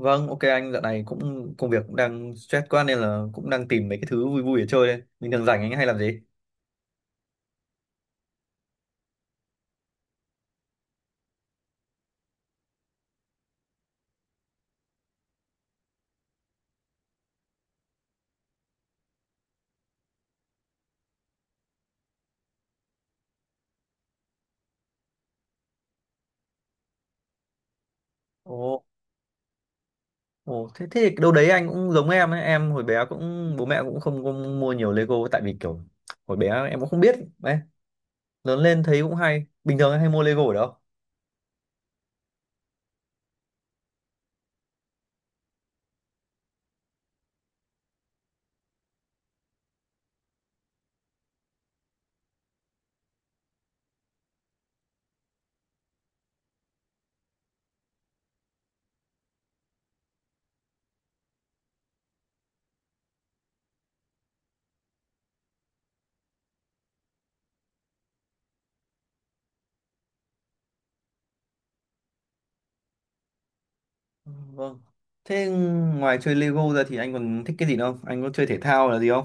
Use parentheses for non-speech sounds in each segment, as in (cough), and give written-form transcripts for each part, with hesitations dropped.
Vâng, ok anh dạo này cũng công việc cũng đang stress quá nên là cũng đang tìm mấy cái thứ vui vui để chơi đây. Bình thường rảnh anh hay làm gì? Ồ, ồ, thế thế thì đâu đấy anh cũng giống em ấy, em hồi bé cũng bố mẹ cũng không mua nhiều Lego tại vì kiểu hồi bé em cũng không biết đấy. Lớn lên thấy cũng hay. Bình thường em hay mua Lego ở đâu? Ừ, vâng. Thế ngoài chơi Lego ra thì anh còn thích cái gì nữa không? Anh có chơi thể thao là gì không?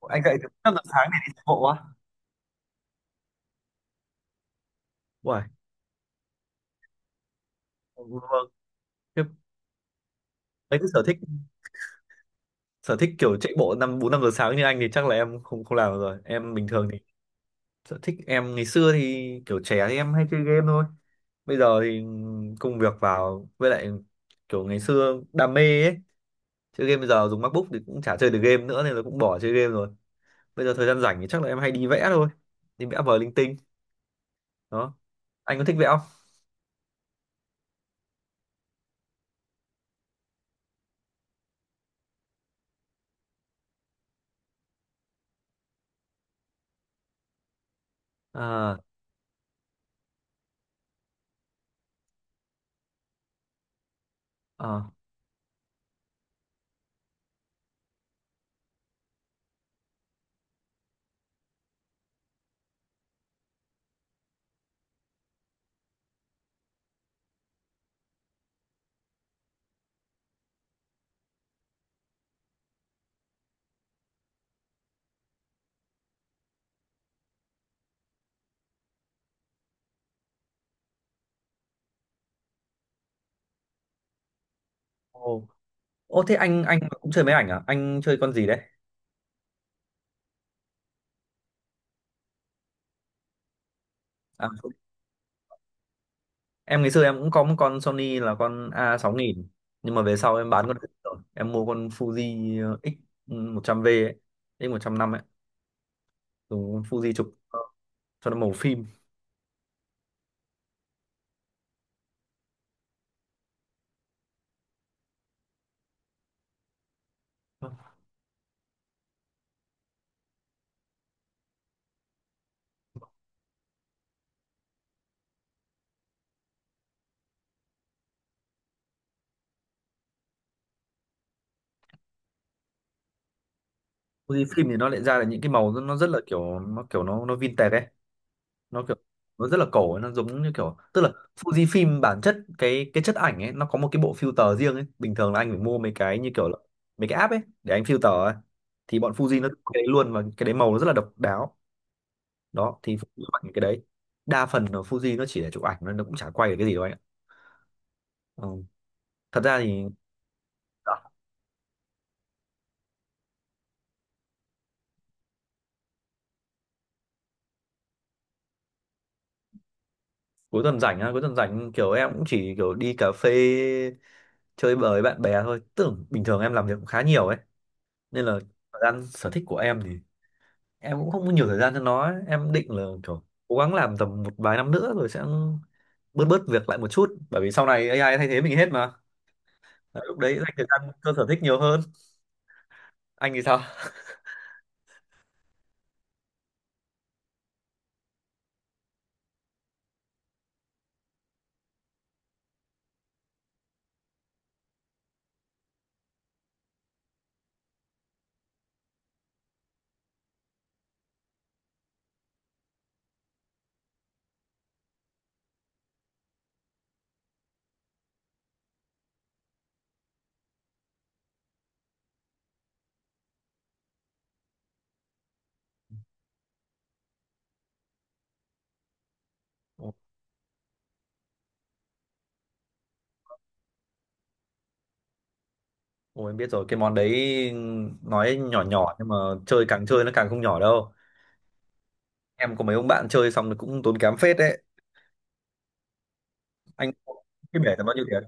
Ủa, anh dậy từ 5 giờ sáng để đi chạy bộ á? Uầy, vâng, thế- mấy cái sở thích kiểu chạy bộ năm bốn năm giờ sáng như anh thì chắc là em không không làm được rồi. Em bình thường thì sở thích em ngày xưa thì kiểu trẻ thì em hay chơi game thôi. Bây giờ thì công việc vào với lại kiểu ngày xưa đam mê ấy, chơi game bây giờ dùng MacBook thì cũng chả chơi được game nữa nên là cũng bỏ chơi game rồi. Bây giờ thời gian rảnh thì chắc là em hay đi vẽ thôi, đi vẽ vời linh tinh đó. Anh có thích vẽ không? À. À. Ồ. Ô, thế anh cũng chơi máy ảnh à? Anh chơi con gì đấy? À, em ngày xưa em cũng có một con Sony là con a6000, nhưng mà về sau em bán con đấy rồi em mua con Fuji x 100V ấy, x 100 năm ấy, dùng con Fuji chụp cho nó màu phim. Fuji phim thì nó lại ra là những cái màu nó rất là kiểu nó nó vintage ấy, nó kiểu nó rất là cổ ấy, nó giống như kiểu tức là Fuji phim bản chất cái chất ảnh ấy nó có một cái bộ filter riêng ấy, bình thường là anh phải mua mấy cái như kiểu là mấy cái app ấy để anh filter ấy, thì bọn Fuji nó cái đấy luôn và cái đấy màu nó rất là độc đáo đó. Thì Fuji chụp ảnh cái đấy, đa phần là Fuji nó chỉ là chụp ảnh thôi, nó cũng chả quay được cái gì đâu anh ạ. Ừ. Thật ra thì à, cuối tuần rảnh kiểu em cũng chỉ kiểu đi cà phê chơi bời với bạn bè thôi, tưởng bình thường em làm việc cũng khá nhiều ấy, nên là thời gian sở thích của em thì em cũng không có nhiều thời gian cho nó ấy. Em định là kiểu cố gắng làm tầm một vài năm nữa rồi sẽ bớt bớt việc lại một chút, bởi vì sau này AI thay thế mình hết mà. Đấy, lúc đấy dành thời gian cho sở thích nhiều hơn. Anh thì sao? Ôi em biết rồi, cái món đấy nói nhỏ nhỏ nhưng mà chơi càng chơi nó càng không nhỏ đâu. Em có mấy ông bạn chơi xong thì cũng tốn kém phết đấy. Anh, cái bể là bao nhiêu tiền?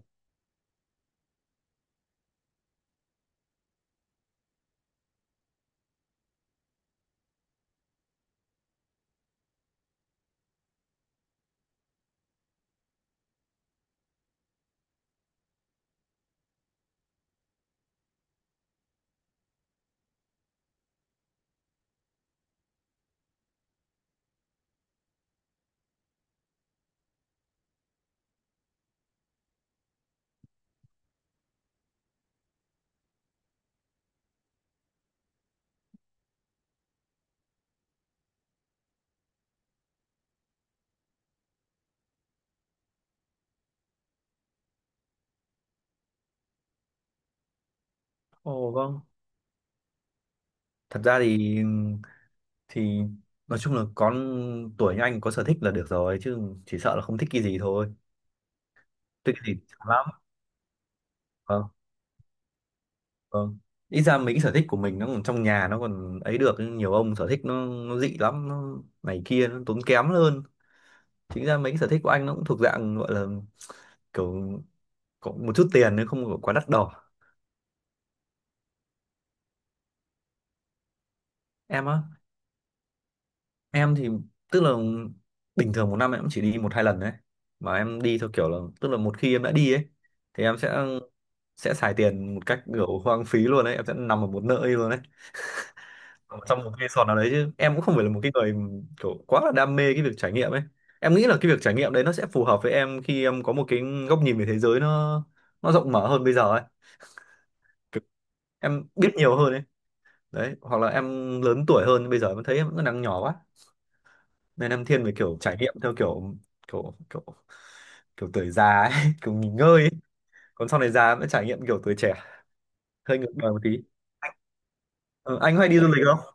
Ồ vâng. Thật ra thì nói chung là con tuổi như anh có sở thích là được rồi chứ, chỉ sợ là không thích cái gì thôi. Thích cái gì thì chán lắm. Vâng, vâng. Ít ra mấy cái sở thích của mình nó còn trong nhà nó còn ấy được, nhưng nhiều ông sở thích nó dị lắm, nó này kia nó tốn kém hơn. Chính ra mấy cái sở thích của anh nó cũng thuộc dạng gọi là kiểu có một chút tiền nếu không có quá đắt đỏ. Em á, em thì tức là bình thường một năm em cũng chỉ đi một hai lần đấy, mà em đi theo kiểu là tức là một khi em đã đi ấy thì em sẽ xài tiền một cách kiểu hoang phí luôn đấy, em sẽ nằm ở một nơi luôn đấy, ở trong một resort nào đấy, chứ em cũng không phải là một cái người kiểu quá là đam mê cái việc trải nghiệm ấy. Em nghĩ là cái việc trải nghiệm đấy nó sẽ phù hợp với em khi em có một cái góc nhìn về thế giới nó rộng mở hơn bây giờ ấy. Kiểu em biết nhiều hơn ấy đấy, hoặc là em lớn tuổi hơn. Bây giờ em thấy em vẫn đang nhỏ quá, nên em thiên về kiểu trải nghiệm theo kiểu kiểu kiểu kiểu tuổi già ấy, (laughs) kiểu nghỉ ngơi ấy. Còn sau này già mới trải nghiệm kiểu tuổi trẻ, hơi ngược đời một tí. Ờ, anh hay đi du lịch không?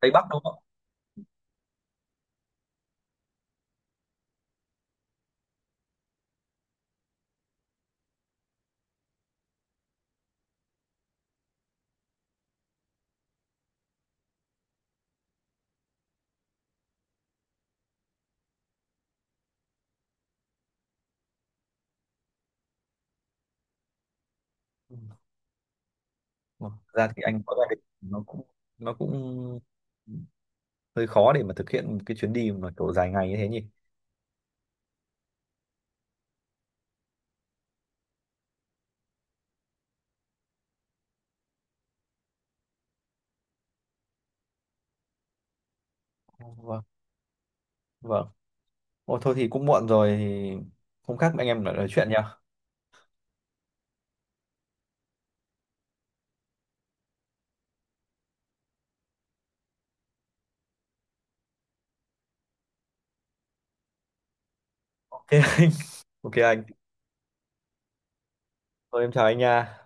Tây Bắc đúng không? Ừ. Mặc ra thì anh có gia đình nó cũng hơi khó để mà thực hiện một cái chuyến đi mà kiểu dài ngày như thế nhỉ. Vâng, vâng. Ồ, thôi thì cũng muộn rồi thì hôm khác anh em lại nói chuyện nhá. Ok anh. (laughs) Ok anh. Thôi em chào anh nha.